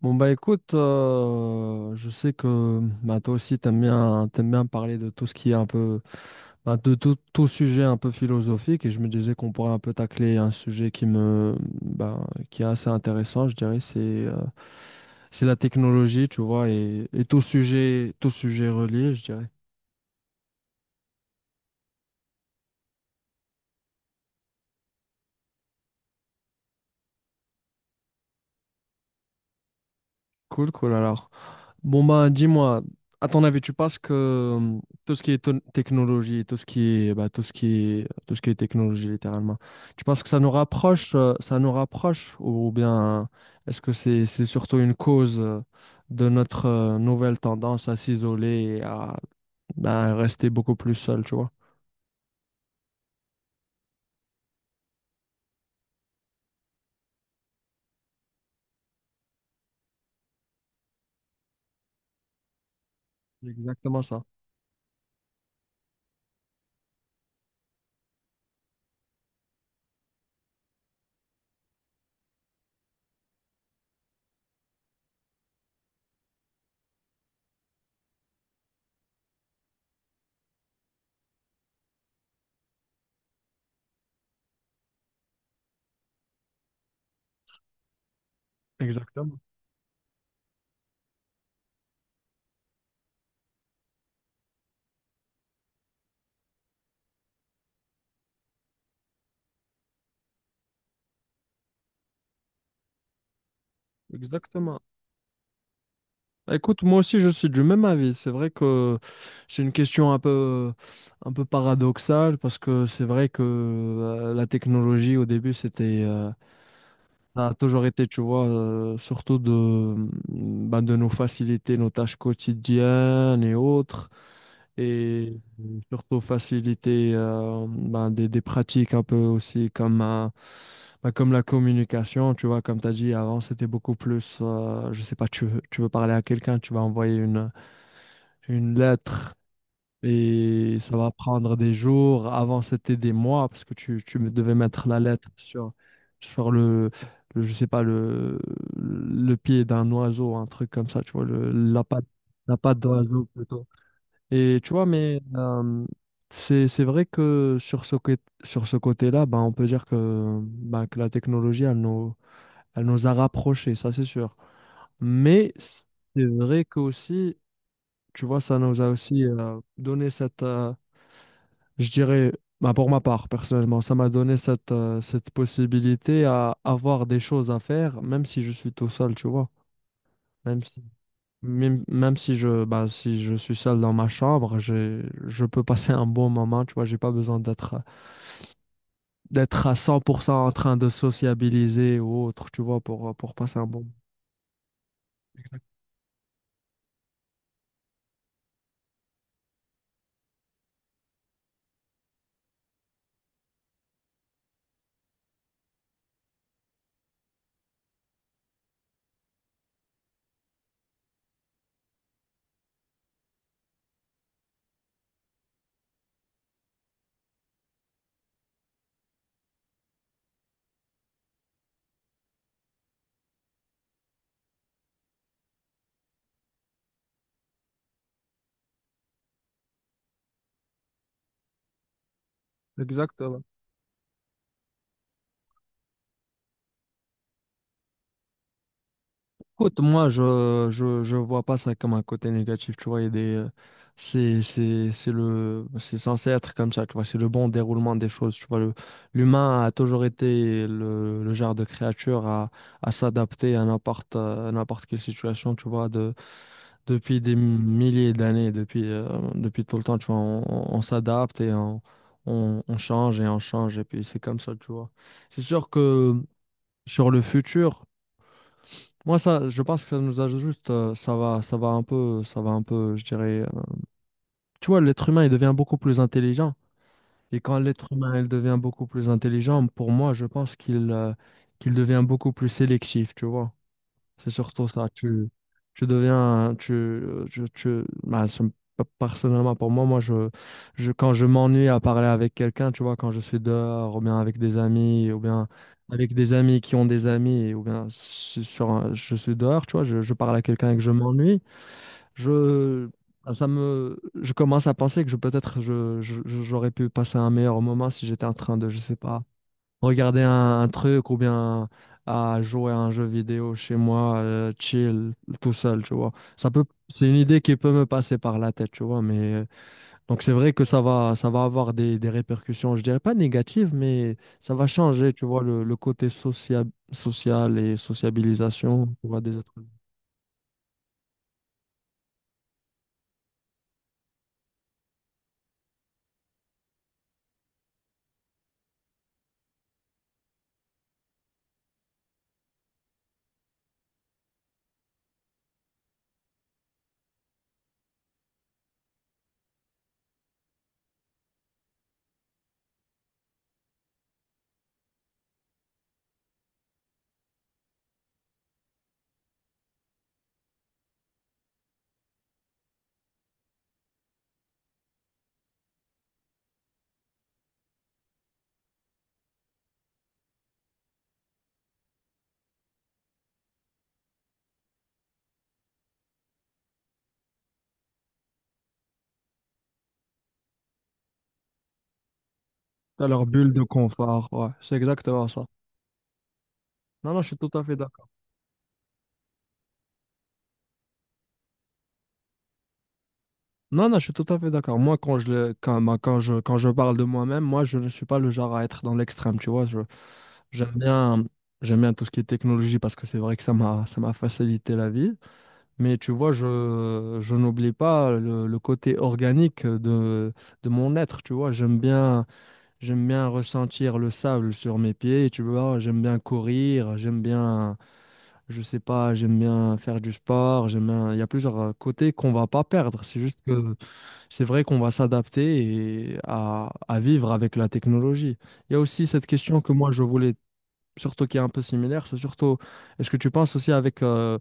Bon, bah, écoute, je sais que, toi aussi t'aimes bien parler de tout ce qui est un peu de tout sujet un peu philosophique, et je me disais qu'on pourrait un peu tacler un sujet qui bah, qui est assez intéressant, je dirais. C'est c'est la technologie, tu vois, et tout sujet relié, je dirais. Cool, cool alors. Bon, bah, dis-moi, à ton avis, tu penses que tout ce qui est technologie, tout ce qui est, tout ce qui est, tout ce qui est technologie, littéralement, tu penses que ça nous rapproche, ou bien est-ce que c'est surtout une cause de notre nouvelle tendance à s'isoler et à rester beaucoup plus seul, tu vois? C'est exactement ça. Exactement. Exactement. Bah, écoute, moi aussi je suis du même avis. C'est vrai que c'est une question un peu paradoxale, parce que c'est vrai que la technologie au début c'était, ça a toujours été, tu vois, surtout de, bah, de nous faciliter nos tâches quotidiennes et autres, et surtout faciliter bah, des pratiques un peu aussi comme, bah, comme la communication, tu vois. Comme tu as dit avant, c'était beaucoup plus, je sais pas, tu veux parler à quelqu'un, tu vas envoyer une lettre et ça va prendre des jours. Avant, c'était des mois, parce que tu, devais mettre la lettre sur, sur le, je sais pas, le pied d'un oiseau, un truc comme ça, tu vois, la patte d'oiseau plutôt. Et tu vois, mais c'est vrai que sur sur ce côté-là, ben, on peut dire que, ben, que la technologie, elle nous a rapprochés, ça c'est sûr. Mais c'est vrai que tu vois, ça nous a aussi donné cette, je dirais, bah, pour ma part, personnellement, ça m'a donné cette, cette possibilité à avoir des choses à faire, même si je suis tout seul, tu vois. Même si, même si je, bah, si je suis seul dans ma chambre, je peux passer un bon moment, tu vois. J'ai pas besoin d'être, d'être à 100% en train de sociabiliser ou autre, tu vois, pour passer un bon moment. Exactement. Écoute, moi, je vois pas ça comme un côté négatif, tu vois. Il y a des, c'est, c'est le, c'est censé être comme ça, tu vois, c'est le bon déroulement des choses, tu vois. L'humain a toujours été le genre de créature à s'adapter à n'importe quelle situation, tu vois, de, depuis des milliers d'années, depuis, depuis tout le temps, tu vois. On s'adapte et on, on change, et puis c'est comme ça, tu vois. C'est sûr que sur le futur, moi, ça, je pense que ça nous ajoute ça va, ça va un peu, je dirais. Tu vois, l'être humain, il devient beaucoup plus intelligent. Et quand l'être humain, il devient beaucoup plus intelligent, pour moi, je pense qu'il, qu'il devient beaucoup plus sélectif, tu vois. C'est surtout ça. Tu deviens, tu, bah, personnellement, pour moi, moi, quand je m'ennuie à parler avec quelqu'un, tu vois, quand je suis dehors, ou bien avec des amis, ou bien avec des amis qui ont des amis, ou bien je suis dehors, tu vois, je parle à quelqu'un et que je m'ennuie, je, bah, je commence à penser que je, peut-être, je, j'aurais pu passer un meilleur moment si j'étais en train de, je sais pas, regarder un truc ou bien à jouer à un jeu vidéo chez moi, chill, tout seul, tu vois. Ça peut, c'est une idée qui peut me passer par la tête, tu vois. Mais donc c'est vrai que ça va avoir des répercussions, je dirais pas négatives, mais ça va changer, tu vois, le côté social, social et sociabilisation, tu vois, des autres. T'as leur bulle de confort, ouais, c'est exactement ça. Non, non, je suis tout à fait d'accord. Non, non, je suis tout à fait d'accord. Moi, quand je, quand, bah, quand je parle de moi-même, moi, je ne suis pas le genre à être dans l'extrême, tu vois. J'aime bien, j'aime bien tout ce qui est technologie, parce que c'est vrai que ça m'a facilité la vie. Mais tu vois, je n'oublie pas le, le côté organique de mon être. Tu vois, j'aime bien ressentir le sable sur mes pieds. Tu vois, j'aime bien courir, j'aime bien, je sais pas, j'aime bien faire du sport. J'aime bien, il y a plusieurs côtés qu'on va pas perdre. C'est juste que c'est vrai qu'on va s'adapter et à vivre avec la technologie. Il y a aussi cette question que moi je voulais, surtout qui est un peu similaire. C'est surtout, est-ce que tu penses aussi avec,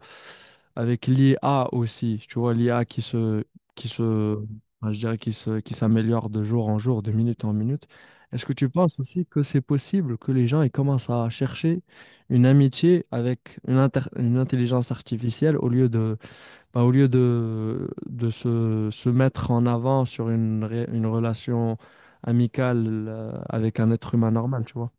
avec l'IA aussi, tu vois, l'IA qui se, enfin, je dirais qui se, qui s'améliore de jour en jour, de minute en minute. Est-ce que tu penses aussi que c'est possible que les gens ils commencent à chercher une amitié avec une, une intelligence artificielle au lieu de, bah, au lieu de, se mettre en avant sur une, une relation amicale, avec un être humain normal, tu vois?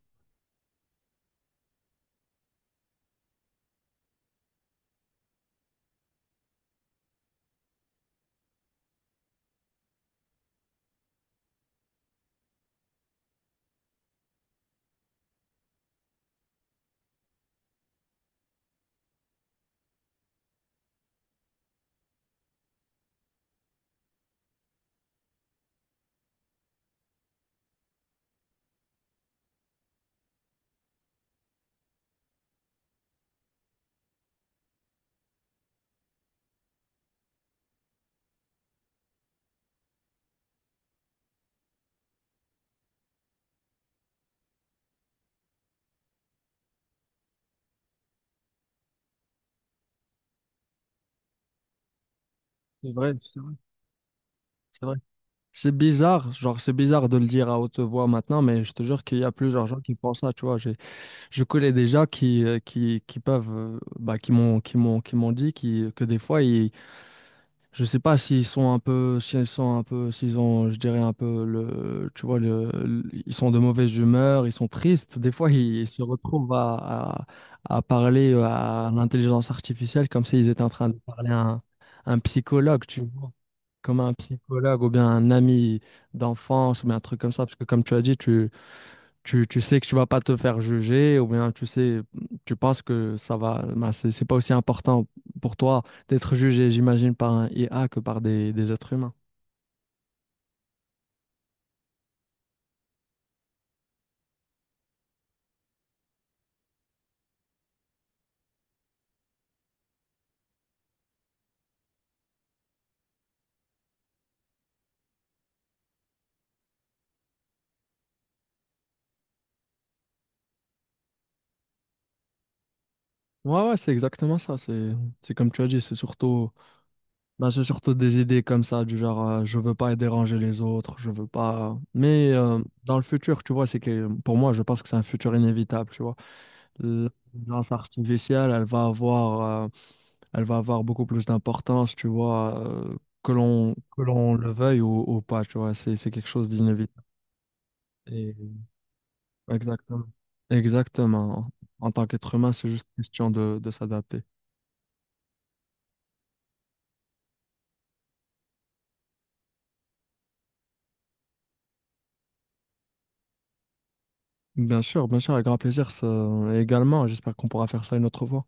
C'est vrai, c'est vrai. C'est vrai. C'est bizarre, genre c'est bizarre de le dire à haute voix maintenant, mais je te jure qu'il y a plusieurs gens qui pensent ça, tu vois. J'ai, je connais des gens qui, qui peuvent, bah, qui m'ont, qui m'ont dit qui, que des fois, ils, je sais pas s'ils sont un peu, s'ils sont un peu, s'ils ont, je dirais un peu le, tu vois, ils sont de mauvaise humeur, ils sont tristes. Des fois, ils, se retrouvent à parler à l'intelligence artificielle comme s'ils étaient en train de parler à un psychologue, tu vois, comme un psychologue ou bien un ami d'enfance ou bien un truc comme ça, parce que comme tu as dit, tu, tu sais que tu vas pas te faire juger, ou bien tu sais, tu penses que ça va, ben, c'est pas aussi important pour toi d'être jugé, j'imagine, par un IA que par des êtres humains. Ouais, ouais, c'est exactement ça. C'est comme tu as dit, c'est surtout, ben, c'est surtout des idées comme ça, du genre, je veux pas déranger les autres, je veux pas. Mais dans le futur, tu vois, c'est que pour moi, je pense que c'est un futur inévitable, tu vois. L'intelligence artificielle, elle va avoir beaucoup plus d'importance, tu vois, que l'on le veuille ou pas, tu vois, c'est quelque chose d'inévitable. Et- Exactement. Exactement. En tant qu'être humain, c'est juste question de s'adapter. Bien sûr, avec grand plaisir. Également, j'espère qu'on pourra faire ça une autre fois.